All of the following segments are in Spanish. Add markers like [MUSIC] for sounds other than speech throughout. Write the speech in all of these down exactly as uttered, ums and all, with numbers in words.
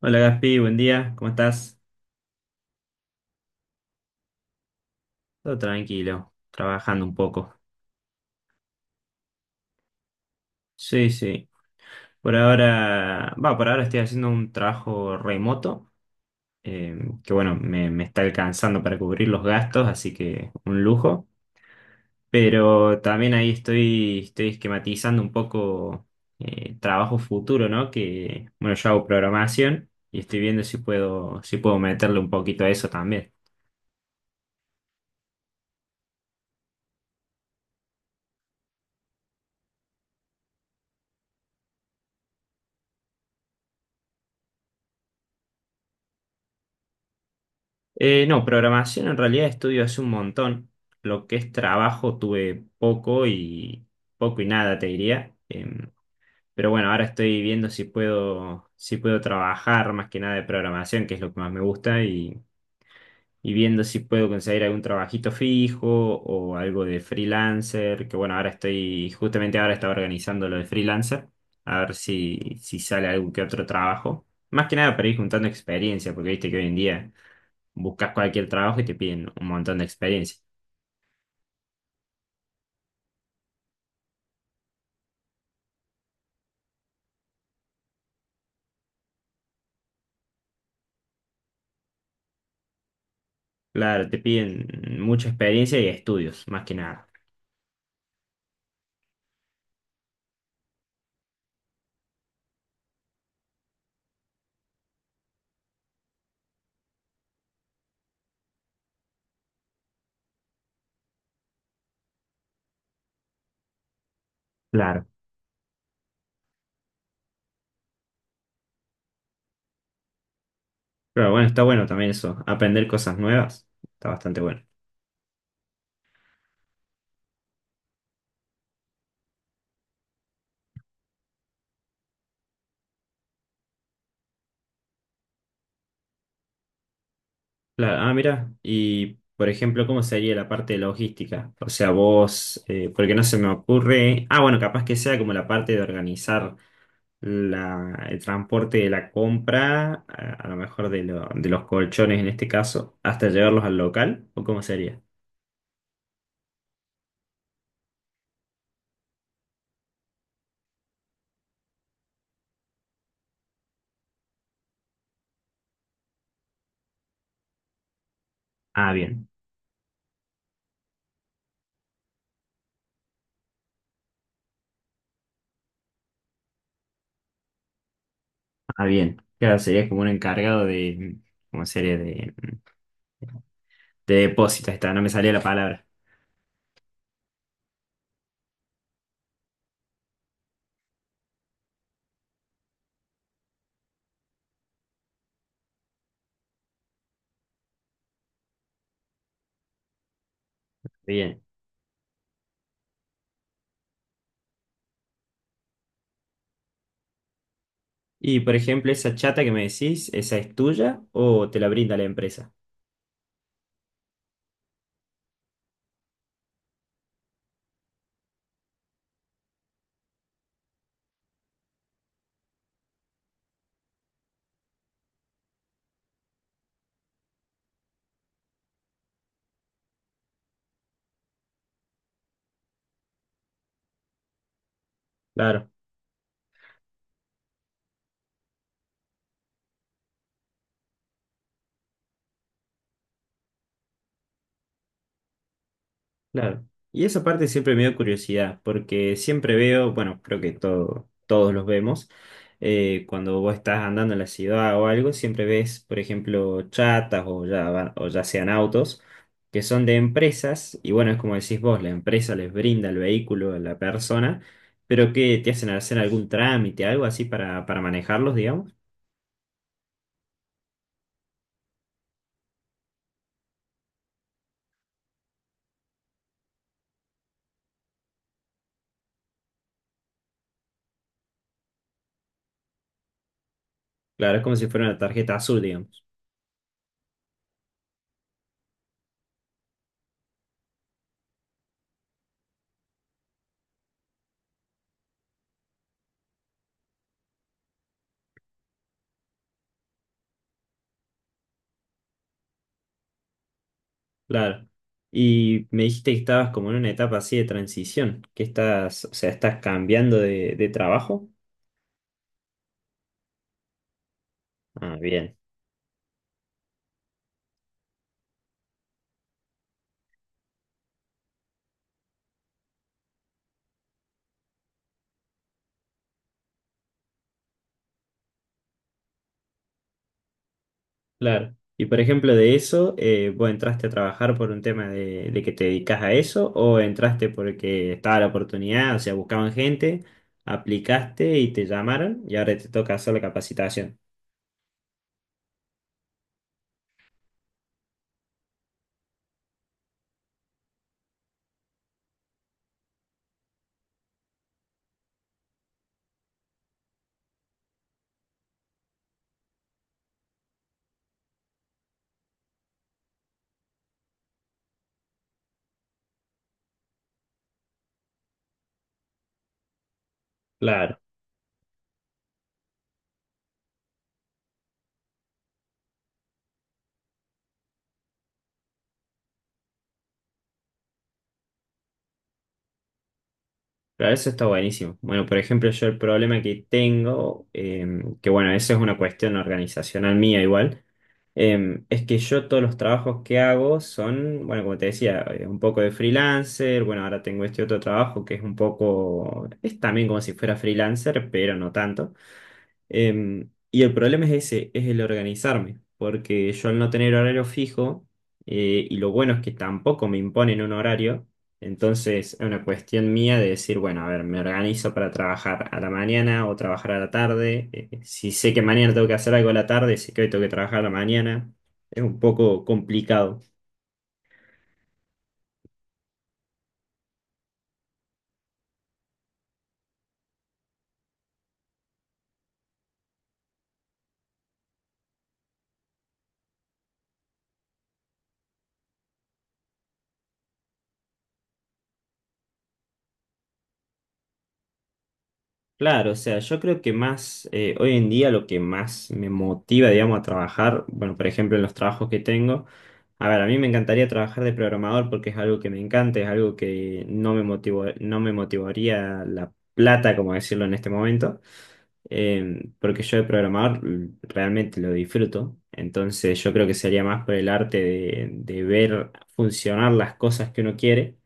Hola Gaspi, buen día, ¿cómo estás? Todo tranquilo, trabajando un poco. Sí, sí. Por ahora, va, por ahora estoy haciendo un trabajo remoto, eh, que bueno, me, me está alcanzando para cubrir los gastos, así que un lujo. Pero también ahí estoy, estoy esquematizando un poco eh, trabajo futuro, ¿no? Que bueno, yo hago programación y estoy viendo si puedo, si puedo meterle un poquito a eso también. Eh, no, programación en realidad estudio hace un montón. Lo que es trabajo tuve poco y poco y nada, te diría. Em, pero bueno, ahora estoy viendo si puedo, si puedo trabajar más que nada de programación, que es lo que más me gusta, y, y viendo si puedo conseguir algún trabajito fijo o algo de freelancer, que bueno, ahora estoy, justamente ahora estaba organizando lo de freelancer, a ver si, si sale algún que otro trabajo. Más que nada para ir juntando experiencia, porque viste que hoy en día buscas cualquier trabajo y te piden un montón de experiencia. Claro, te piden mucha experiencia y estudios, más que nada. Claro. Pero bueno, está bueno también eso, aprender cosas nuevas, está bastante bueno. Claro, ah, mira, y por ejemplo, ¿cómo sería la parte de logística? O sea, vos, eh, porque no se me ocurre, ah, bueno, capaz que sea como la parte de organizar la, el transporte de la compra, a, a lo mejor de, lo- de los colchones en este caso, hasta llevarlos al local, ¿o cómo sería? Ah, bien. Ah, bien. Claro, sería como un encargado de, como serie de, de depósitos, está, no me salía la palabra. Bien. Y por ejemplo, esa chata que me decís, ¿esa es tuya o te la brinda la empresa? Claro. Claro. Y esa parte siempre me dio curiosidad, porque siempre veo, bueno, creo que todo- todos los vemos, eh, cuando vos estás andando en la ciudad o algo, siempre ves, por ejemplo, chatas o ya, va- o ya sean autos, que son de empresas, y bueno, es como decís vos, la empresa les brinda el vehículo a la persona, pero que te hacen hacer algún trámite, algo así para, para manejarlos, digamos. Claro, es como si fuera una tarjeta azul, digamos. Claro. Y me dijiste que estabas como en una etapa así de transición, que estás, o sea, estás cambiando de, de trabajo. Ah, bien, claro. Y por ejemplo, de eso, eh, ¿vos entraste a trabajar por un tema de, de que te dedicas a eso o entraste porque estaba la oportunidad, o sea, buscaban gente, aplicaste y te llamaron y ahora te toca hacer la capacitación? Claro, claro, eso está buenísimo. Bueno, por ejemplo, yo el problema que tengo, em, que bueno, eso es una cuestión organizacional mía igual. Em, es que yo todos los trabajos que hago son, bueno, como te decía, eh, un poco de freelancer, bueno, ahora tengo este otro trabajo que es un poco, es también como si fuera freelancer, pero no tanto. Em, y el problema es ese, es el organizarme, porque yo al no tener horario fijo, eh, y lo bueno es que tampoco me imponen un horario, entonces es una cuestión mía de decir, bueno, a ver, me organizo para trabajar a la mañana o trabajar a la tarde, eh, eh, si sé que mañana tengo que hacer algo a la tarde, sé que hoy tengo que trabajar a la mañana, es un poco complicado. Claro, o sea, yo creo que más, eh, hoy en día lo que más me motiva, digamos, a trabajar, bueno, por ejemplo, en los trabajos que tengo, a ver, a mí me encantaría trabajar de programador porque es algo que me encanta, es algo que no me motivó, no me motivaría la plata, como decirlo en este momento, eh, porque yo de programador mm, realmente lo disfruto, entonces yo creo que sería más por el arte de de ver funcionar las cosas que uno quiere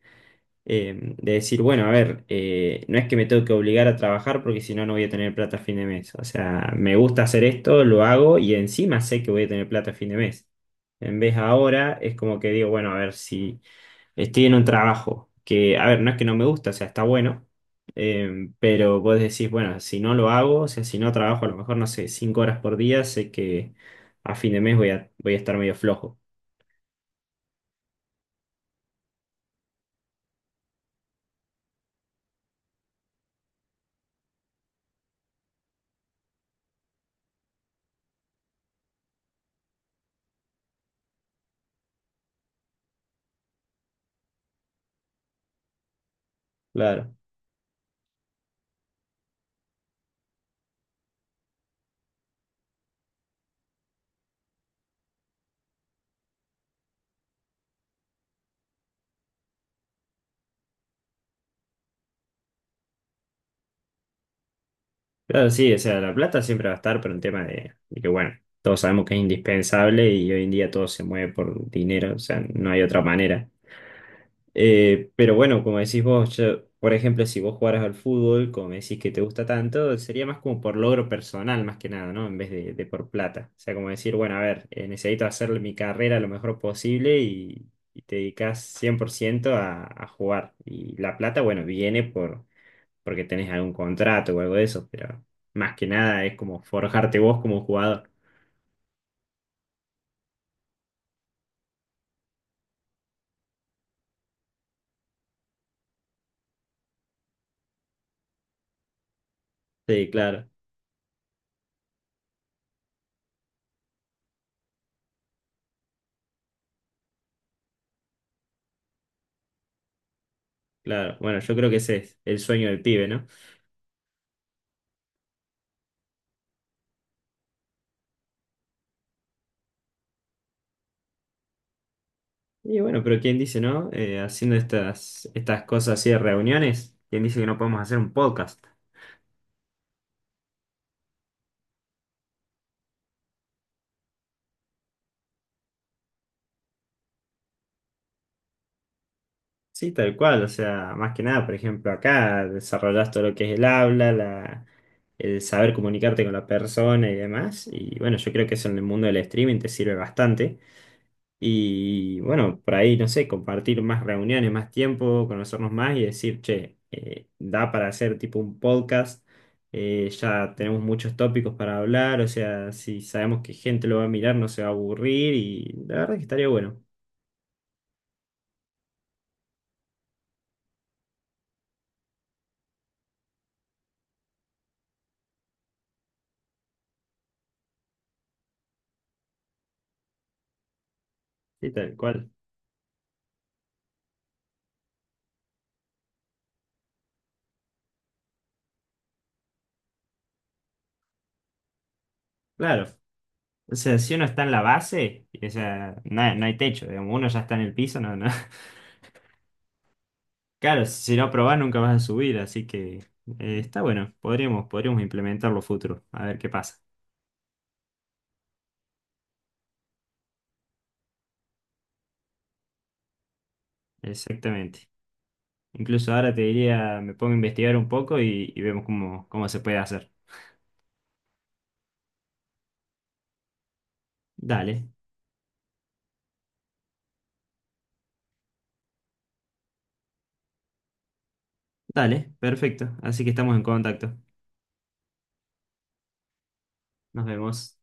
eh, de decir, bueno, a ver, eh, no es que me tengo que obligar a trabajar porque si no, no voy a tener plata a fin de mes. O sea, me gusta hacer esto, lo hago y encima sé que voy a tener plata a fin de mes. En vez ahora es como que digo, bueno, a ver, si estoy en un trabajo que, a ver, no es que no me gusta, o sea, está bueno, eh, pero vos decís, bueno, si no lo hago, o sea, si no trabajo a lo mejor, no sé, cinco horas por día, sé que a fin de mes voy a, voy a estar medio flojo. Claro. Claro, sí, o sea, la plata siempre va a estar, pero un tema de, de que, bueno, todos sabemos que es indispensable y hoy en día todo se mueve por dinero, o sea, no hay otra manera. Eh, pero bueno, como decís vos, yo, por ejemplo, si vos jugaras al fútbol, como me decís que te gusta tanto, sería más como por logro personal, más que nada, ¿no? En vez de, de por plata. O sea, como decir, bueno, a ver, eh, necesito hacer mi carrera lo mejor posible y, y te dedicas cien por ciento a, a jugar. Y la plata, bueno, viene por porque tenés algún contrato o algo de eso, pero más que nada es como forjarte vos como jugador. Sí, claro, claro. Bueno, yo creo que ese es el sueño del pibe, ¿no? Y bueno, pero ¿quién dice, no? Eh, haciendo estas, estas cosas así de reuniones, ¿quién dice que no podemos hacer un podcast? Sí, tal cual, o sea, más que nada, por ejemplo, acá desarrollás todo lo que es el habla, la, el saber comunicarte con la persona y demás. Y bueno, yo creo que eso en el mundo del streaming te sirve bastante. Y bueno, por ahí, no sé, compartir más reuniones, más tiempo, conocernos más y decir, che, eh, da para hacer tipo un podcast, eh, ya tenemos muchos tópicos para hablar, o sea, si sabemos que gente lo va a mirar, no se va a aburrir y la verdad que estaría bueno, sí, tal cual. Claro, o sea, si uno está en la base, o sea, no, hay no hay techo, digamos, uno ya está en el piso, no, no. [LAUGHS] Claro, si no probás nunca vas a subir, así que eh, está bueno, podríamos, podríamos implementarlo futuro, a ver qué pasa. Exactamente. Incluso ahora te diría, me pongo a investigar un poco y, y vemos cómo, cómo se puede hacer. Dale, dale, perfecto. Así que estamos en contacto. Nos vemos.